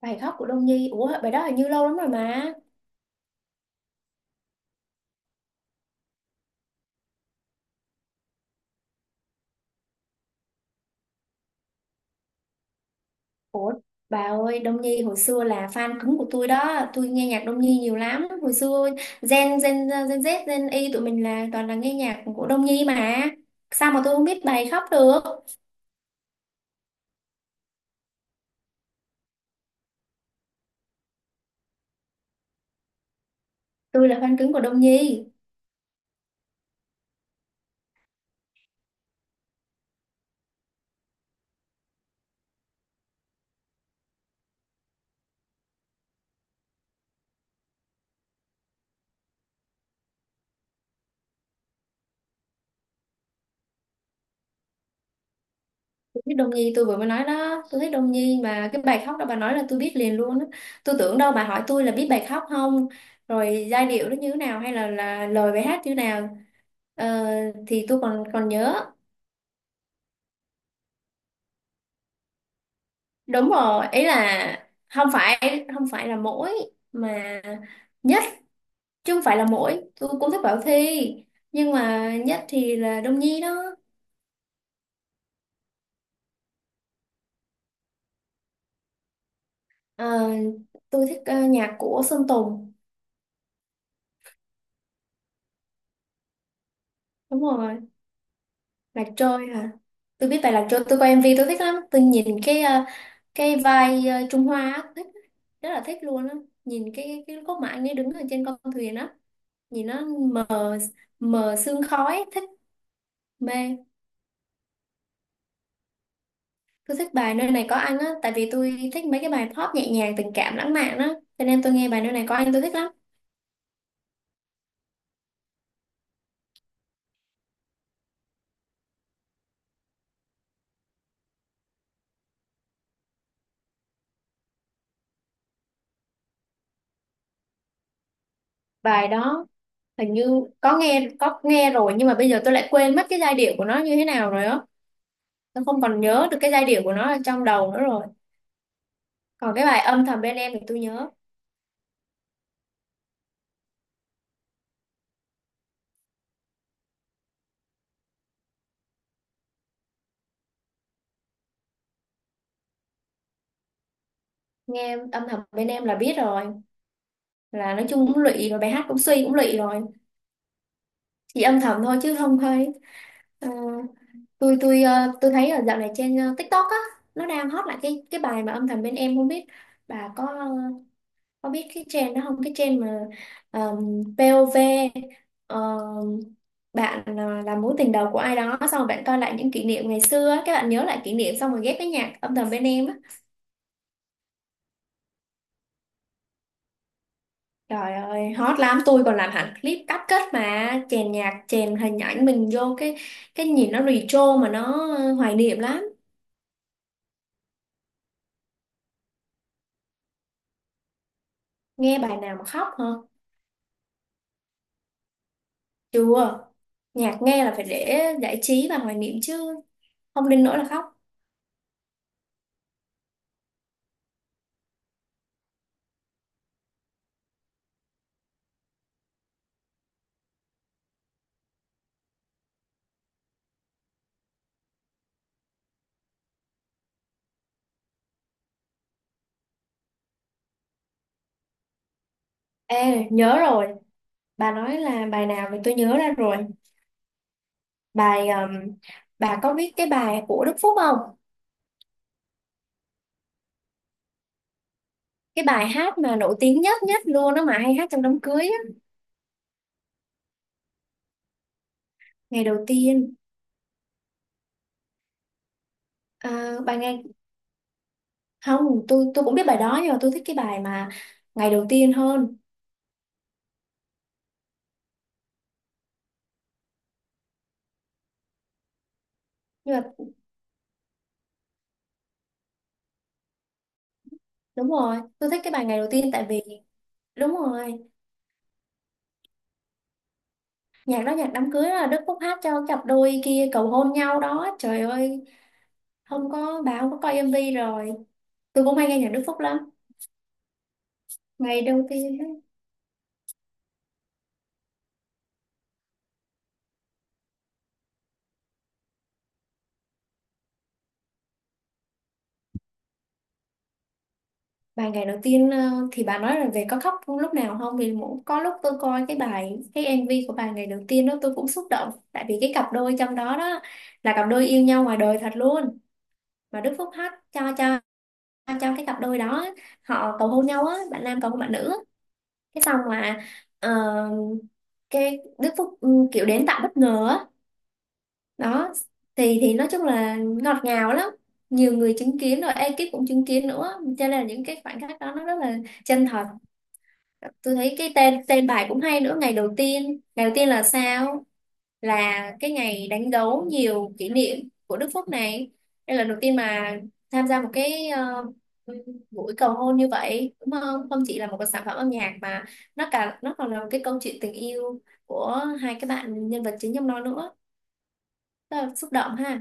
Bài khóc của Đông Nhi, ủa bài đó hình như lâu lắm rồi mà. Ủa bà ơi, Đông Nhi hồi xưa là fan cứng của tôi đó, tôi nghe nhạc Đông Nhi nhiều lắm hồi xưa. Gen Gen Gen Z Gen Y tụi mình là toàn là nghe nhạc của Đông Nhi mà, sao mà tôi không biết bài khóc được. Tôi là fan cứng của Đông Nhi. Tôi thích Đông Nhi, tôi vừa mới nói đó, tôi thích Đông Nhi, mà cái bài khóc đó bà nói là tôi biết liền luôn á. Tôi tưởng đâu bà hỏi tôi là biết bài khóc không, rồi giai điệu nó như thế nào hay là lời bài hát như thế nào. Ờ, thì tôi còn còn nhớ. Đúng rồi, ý là không phải, không phải là mỗi, mà nhất, chứ không phải là mỗi, tôi cũng thích Bảo Thy, nhưng mà nhất thì là Đông Nhi đó. Ờ, tôi thích nhạc của Sơn Tùng. Đúng rồi. Lạc Trôi hả? Tôi biết bài Lạc Trôi, tôi coi MV tôi thích lắm, tôi nhìn cái cái vai Trung Hoa á, thích, rất là thích luôn á. Nhìn cái cốt mà anh ấy đứng ở trên con thuyền á, nhìn nó mờ mờ sương khói, thích, mê. Tôi thích bài nơi này có anh á, tại vì tôi thích mấy cái bài pop nhẹ nhàng, tình cảm, lãng mạn á, cho nên tôi nghe bài nơi này có anh tôi thích lắm. Bài đó hình như có nghe, rồi nhưng mà bây giờ tôi lại quên mất cái giai điệu của nó như thế nào rồi á. Tôi không còn nhớ được cái giai điệu của nó ở trong đầu nữa rồi. Còn cái bài âm thầm bên em thì tôi nhớ, nghe âm thầm bên em là biết rồi, là nói chung cũng lụy, và bài hát cũng suy cũng lụy rồi. Chỉ âm thầm thôi chứ không thấy. Tôi tôi thấy ở dạo này trên TikTok á, nó đang hot lại cái bài mà âm thầm bên em, không biết bà có biết cái trend đó không, cái trend mà POV, ờ, bạn là mối tình đầu của ai đó, xong rồi bạn coi lại những kỷ niệm ngày xưa á, các bạn nhớ lại kỷ niệm xong rồi ghép với nhạc âm thầm bên em á. Trời ơi hot lắm, tôi còn làm hẳn clip cắt kết mà chèn nhạc, chèn hình ảnh mình vô, cái nhìn nó retro mà nó hoài niệm lắm. Nghe bài nào mà khóc hả? Chưa. Nhạc nghe là phải để giải trí và hoài niệm chứ không đến nỗi là khóc. Ê, nhớ rồi, bà nói là bài nào thì tôi nhớ ra rồi. Bài bà có biết cái bài của Đức Phúc không? Cái bài hát mà nổi tiếng nhất nhất luôn đó mà hay hát trong đám cưới á. Ngày đầu tiên. À, bài ngày, không, tôi cũng biết bài đó nhưng mà tôi thích cái bài mà ngày đầu tiên hơn. Nhưng mà đúng rồi, tôi thích cái bài ngày đầu tiên tại vì đúng rồi, nhạc đó nhạc đám cưới là Đức Phúc hát cho cặp đôi kia cầu hôn nhau đó. Trời ơi, không có, bà không có coi MV rồi. Tôi cũng hay nghe nhạc Đức Phúc lắm. Ngày đầu tiên ấy, bài ngày đầu tiên thì bà nói là về có khóc không lúc nào không, thì mỗi có lúc tôi coi cái bài cái MV của bài ngày đầu tiên đó tôi cũng xúc động, tại vì cái cặp đôi trong đó đó là cặp đôi yêu nhau ngoài đời thật luôn, mà Đức Phúc hát cho cho cái cặp đôi đó, họ cầu hôn nhau á, bạn nam cầu hôn bạn nữ á. Cái xong mà ờ, cái Đức Phúc ừ, kiểu đến tạo bất ngờ á đó, thì nói chung là ngọt ngào lắm, nhiều người chứng kiến rồi ekip cũng chứng kiến nữa, cho nên là những cái khoảnh khắc đó nó rất là chân thật. Tôi thấy cái tên tên bài cũng hay nữa, ngày đầu tiên, ngày đầu tiên là sao, là cái ngày đánh dấu nhiều kỷ niệm của Đức Phúc này, đây là lần đầu tiên mà tham gia một cái buổi cầu hôn như vậy đúng không, không chỉ là một cái sản phẩm âm nhạc mà nó cả nó còn là một cái câu chuyện tình yêu của hai cái bạn nhân vật chính trong nó nữa, rất là xúc động ha.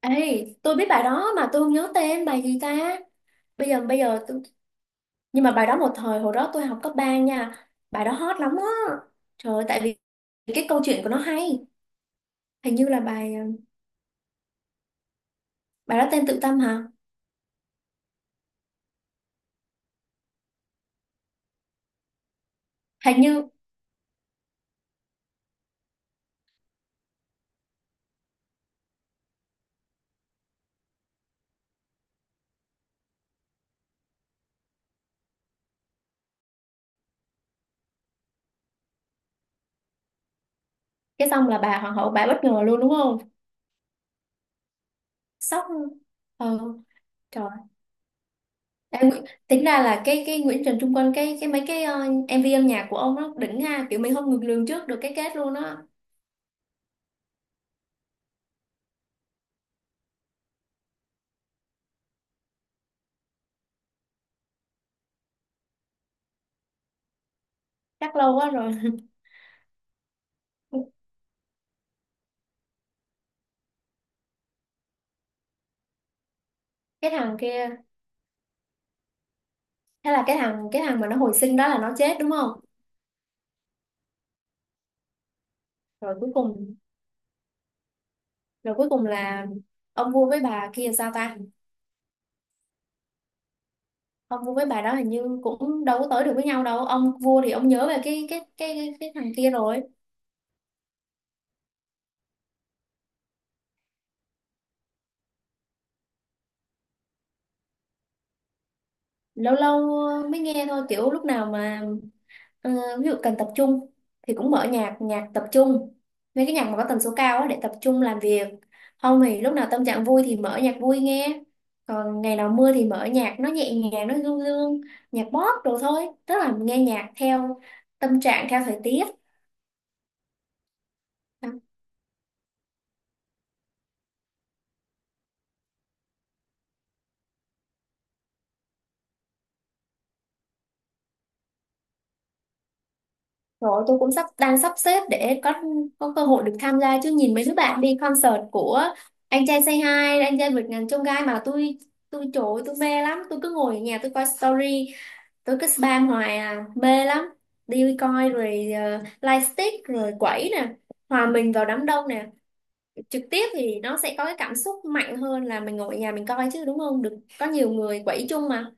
Ê, tôi biết bài đó mà tôi không nhớ tên bài gì ta. Bây giờ tôi... nhưng mà bài đó một thời, hồi đó tôi học cấp 3 nha. Bài đó hot lắm á. Trời ơi, tại vì cái câu chuyện của nó hay. Hình như là bài bài đó tên Tự Tâm hả? Hình như cái xong là bà hoàng hậu bà bất ngờ luôn đúng không? Sốc luôn. Ờ, trời. Em tính ra là cái Nguyễn Trần Trung Quân cái mấy cái MV âm nhạc của ông nó đỉnh ha, kiểu mình không ngược lường trước được cái kết luôn á. Chắc lâu quá rồi. Cái thằng kia, thế là cái thằng mà nó hồi sinh đó là nó chết đúng không? rồi cuối cùng Rồi cuối cùng là ông vua với bà kia sao ta, ông vua với bà đó hình như cũng đâu có tới được với nhau đâu, ông vua thì ông nhớ về cái thằng kia rồi. Lâu lâu mới nghe thôi, kiểu lúc nào mà Ờ, ví dụ cần tập trung thì cũng mở nhạc, nhạc tập trung, mấy cái nhạc mà có tần số cao á để tập trung làm việc, không thì lúc nào tâm trạng vui thì mở nhạc vui nghe, còn ngày nào mưa thì mở nhạc nó nhẹ nhàng nó du dương, nhạc pop đồ thôi, tức là nghe nhạc theo tâm trạng, theo thời tiết. À, rồi tôi cũng đang sắp xếp để có cơ hội được tham gia, chứ nhìn mấy đứa bạn đi concert của anh trai Say Hi, anh trai vượt ngàn chông gai mà tôi trời tôi mê lắm, tôi cứ ngồi ở nhà tôi coi story, tôi cứ spam hoài à, mê lắm. Đi coi rồi live stick rồi quẩy nè, hòa mình vào đám đông nè, trực tiếp thì nó sẽ có cái cảm xúc mạnh hơn là mình ngồi ở nhà mình coi chứ đúng không, được có nhiều người quẩy chung mà.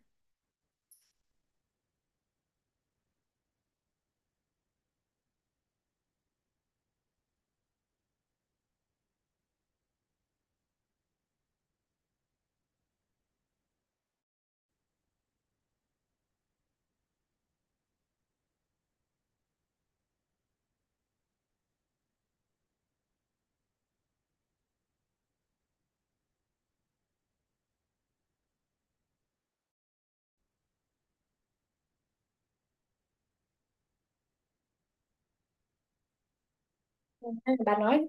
Hay bà nói,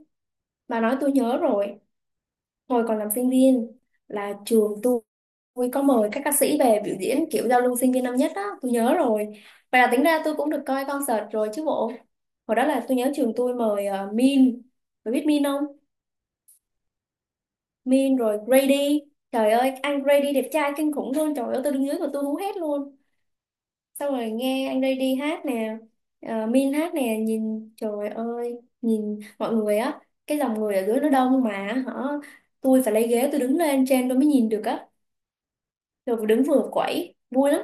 bà nói tôi nhớ rồi, hồi còn làm sinh viên là trường tôi có mời các ca sĩ về biểu diễn kiểu giao lưu sinh viên năm nhất đó, tôi nhớ rồi, vậy là tính ra tôi cũng được coi concert rồi chứ bộ. Hồi đó là tôi nhớ trường tôi mời Min, bà biết Min không? Min rồi Grady. Trời ơi anh Grady đẹp trai kinh khủng luôn, trời ơi tôi đứng dưới mà tôi hú hét luôn, xong rồi nghe anh Grady hát nè, Min hát nè, nhìn trời ơi, nhìn mọi người á, cái dòng người ở dưới nó đông mà hả, tôi phải lấy ghế tôi đứng lên trên tôi mới nhìn được á, rồi đứng vừa quẩy vui lắm.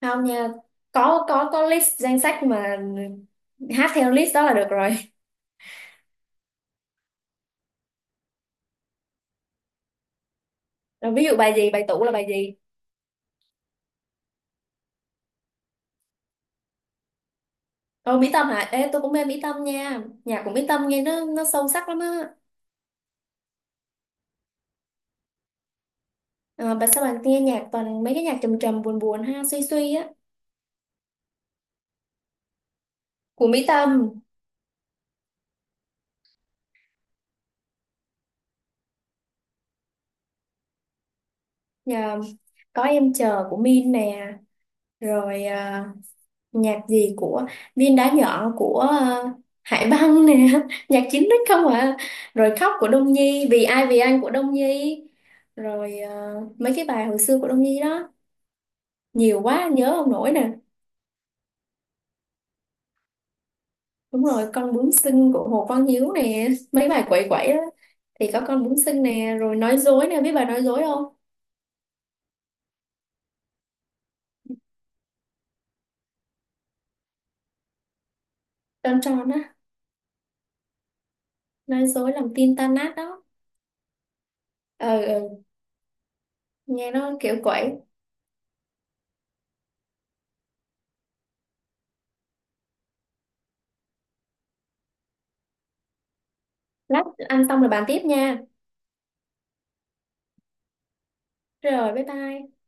Không nha, có list danh sách mà, hát theo list đó là được rồi. Rồi ví dụ bài gì, bài tủ là bài gì? Ồ, Mỹ Tâm hả? Ê, tôi cũng mê Mỹ Tâm nha. Nhạc của Mỹ Tâm nghe nó sâu sắc lắm á. Ờ, bạn sao bạn nghe nhạc toàn mấy cái nhạc trầm trầm buồn buồn ha, suy suy á. Của Mỹ Tâm, nhờ có em chờ của Min nè, rồi nhạc gì của Viên Đá Nhỏ của Hải Băng nè, nhạc chín x không à. Rồi khóc của Đông Nhi, vì ai vì anh của Đông Nhi. Rồi mấy cái bài hồi xưa của Đông Nhi đó, nhiều quá nhớ không nổi nè. Đúng rồi, con bướm xinh của Hồ Quang Hiếu nè, mấy bài quẩy quẩy á thì có con bướm xinh nè, rồi nói dối nè, biết bài nói dối không? Tròn tròn á, nói dối làm tin tan nát đó. Ờ ừ, nghe nó kiểu quậy. Lát ăn xong rồi bàn tiếp nha. Rồi bye bye.